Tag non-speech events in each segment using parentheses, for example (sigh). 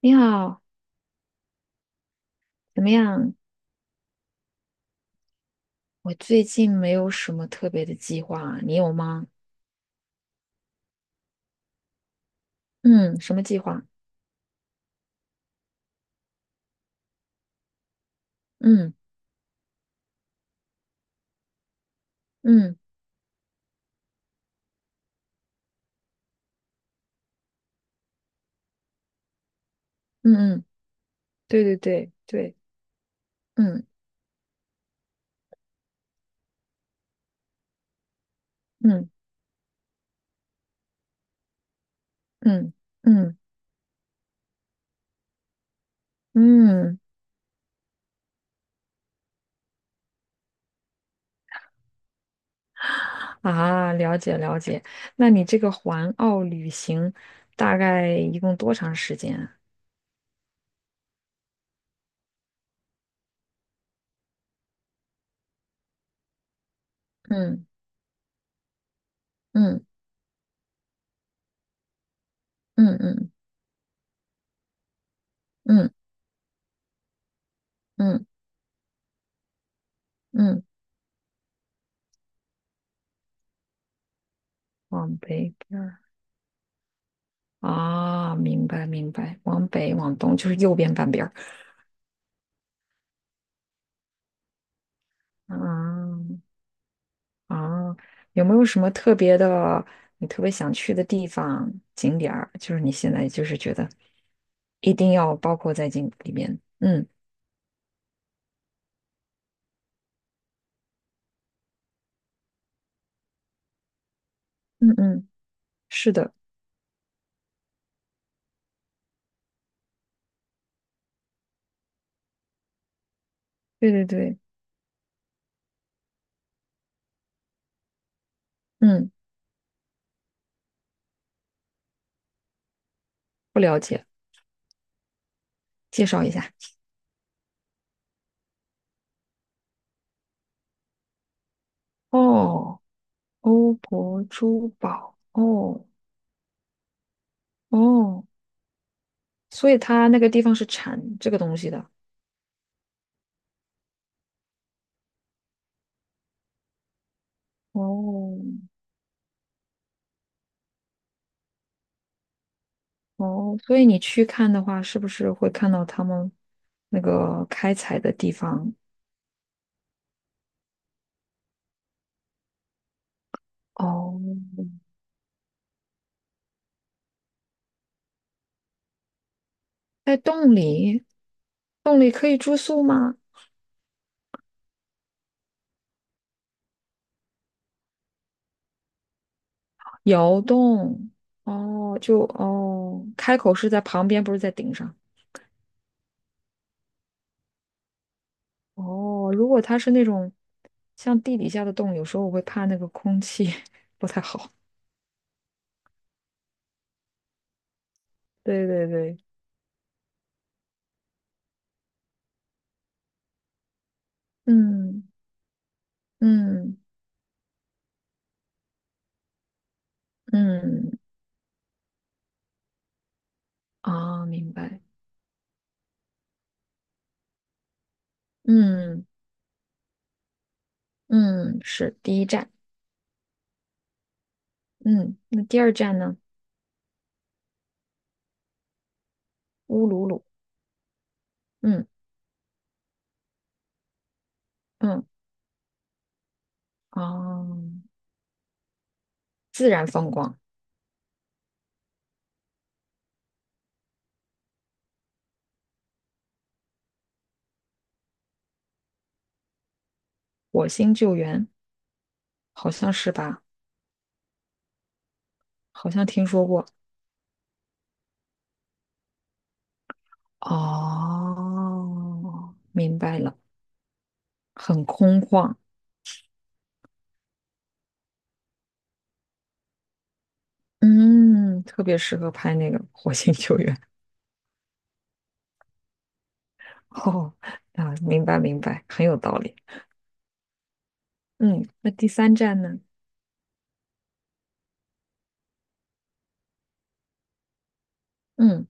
你好，怎么样？我最近没有什么特别的计划啊，你有吗？嗯，什么计划？嗯嗯嗯嗯，对对对对，嗯嗯嗯嗯嗯啊，了解了解。那你这个环澳旅行大概一共多长时间啊？嗯嗯嗯嗯嗯嗯嗯，往北边儿。啊，明白明白，往北往东就是右边半边儿。啊，啊，有没有什么特别的，你特别想去的地方、景点儿？就是你现在就是觉得一定要包括在进里面。嗯嗯嗯，是的，对对对。嗯，不了解，介绍一下。哦，欧泊珠宝，哦。哦，所以它那个地方是产这个东西的。哦。哦，所以你去看的话，是不是会看到他们那个开采的地方？哦，在洞里，洞里可以住宿吗？窑洞，哦，就哦，开口是在旁边，不是在顶上。哦，如果它是那种像地底下的洞，有时候我会怕那个空气 (laughs) 不太好。对对对，嗯嗯嗯，啊，明白。嗯嗯，是第一站。嗯，那第二站呢？乌鲁鲁。嗯嗯，啊，自然风光。火星救援，好像是吧？好像听说过。哦，明白了。很空旷。嗯，特别适合拍那个火星救援。(laughs) 哦，啊，明白明白，很有道理。嗯，那第三站呢？嗯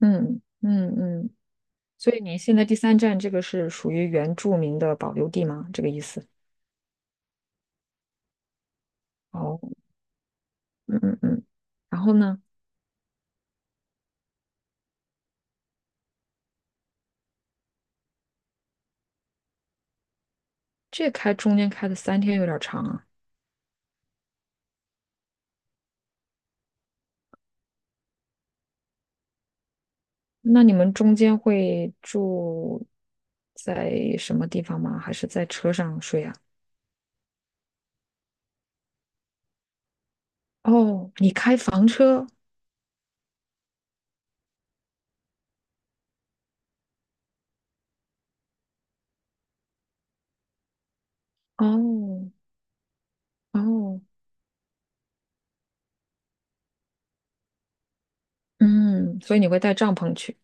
嗯嗯嗯，所以您现在第三站这个是属于原住民的保留地吗？这个意思？哦，嗯嗯嗯。然后呢，这开中间开的三天有点长啊。那你们中间会住在什么地方吗？还是在车上睡啊？哦，你开房车？哦。哦，嗯，所以你会带帐篷去？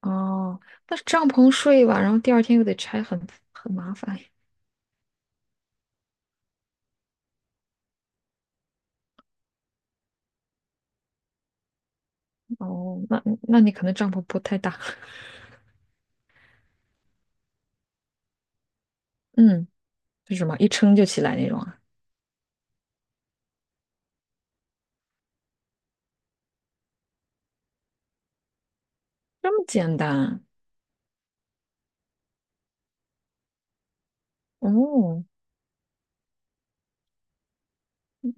哦，那帐篷睡吧，然后第二天又得拆很，很麻烦。哦，那你可能帐篷不太大。(laughs) 嗯，是什么一撑就起来那种啊？这么简单？哦，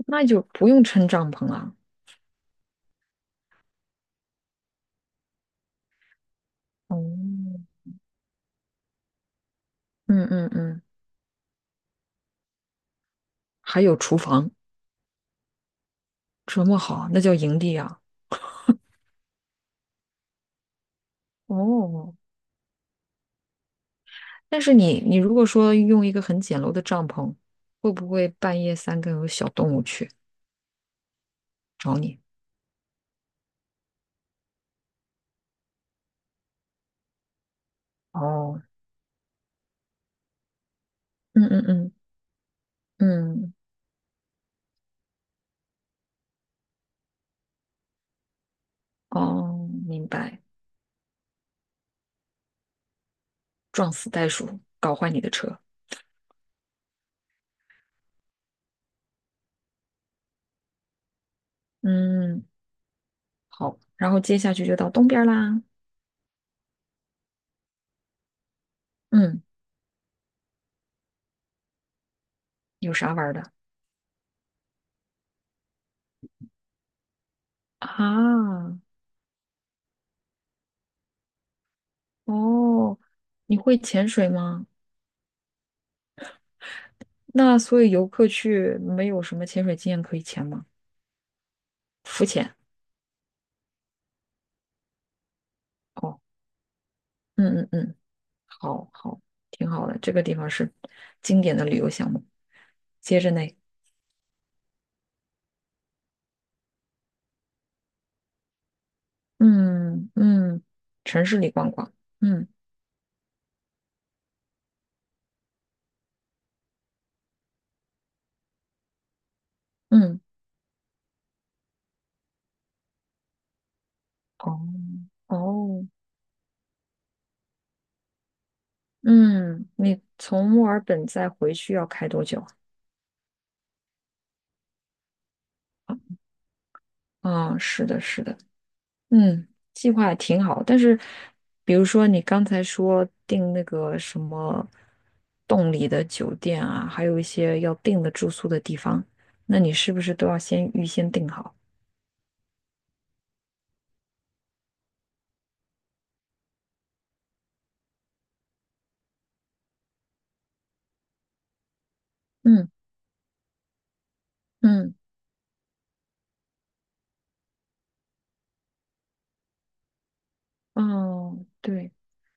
那就不用撑帐篷了。哦，嗯嗯嗯，还有厨房，这么好，那叫营地啊。哦，但是你如果说用一个很简陋的帐篷，会不会半夜三更有小动物去找你？哦，嗯嗯嗯嗯，哦，明白。撞死袋鼠，搞坏你的车。嗯，好，然后接下去就到东边儿啦。嗯，有啥玩儿的啊？哦，你会潜水吗？那所以游客去没有什么潜水经验可以潜吗？浮潜。哦，嗯嗯嗯。好好，挺好的。这个地方是经典的旅游项目。接着呢，嗯嗯，城市里逛逛。嗯嗯，哦。哦，嗯，你从墨尔本再回去要开多久啊？啊，是的，是的。嗯，计划也挺好，但是比如说你刚才说订那个什么洞里的酒店啊，还有一些要订的住宿的地方，那你是不是都要先预先订好？嗯嗯。哦，对，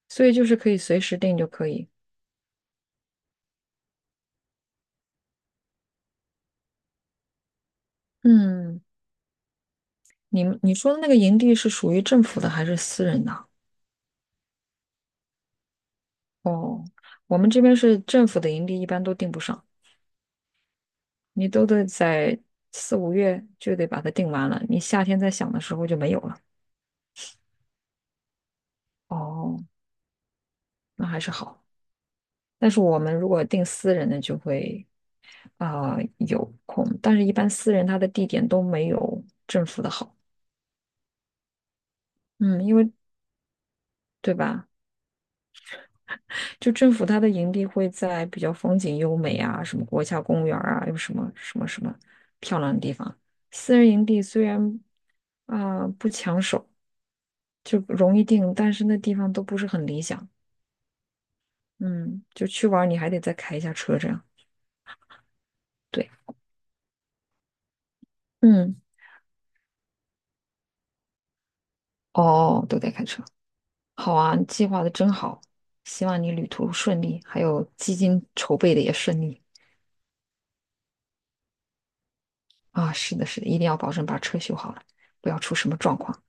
所以就是可以随时定就可以。嗯，你说的那个营地是属于政府的还是私人的啊？哦，我们这边是政府的营地，一般都定不上，你都得在四五月就得把它定完了，你夏天再想的时候就没有了。哦，那还是好。但是我们如果定私人的就会啊、有空，但是一般私人他的地点都没有政府的好。嗯，因为对吧？就政府它的营地会在比较风景优美啊，什么国家公园儿啊，有什么什么什么漂亮的地方。私人营地虽然啊、呃不抢手，就容易定，但是那地方都不是很理想。嗯，就去玩儿你还得再开一下车这样。对，嗯，哦，都得开车。好啊，你计划的真好，希望你旅途顺利，还有基金筹备的也顺利啊。是的，是的，一定要保证把车修好了，不要出什么状况。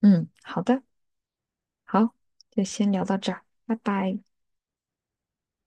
嗯，好的。好，就先聊到这儿，拜拜。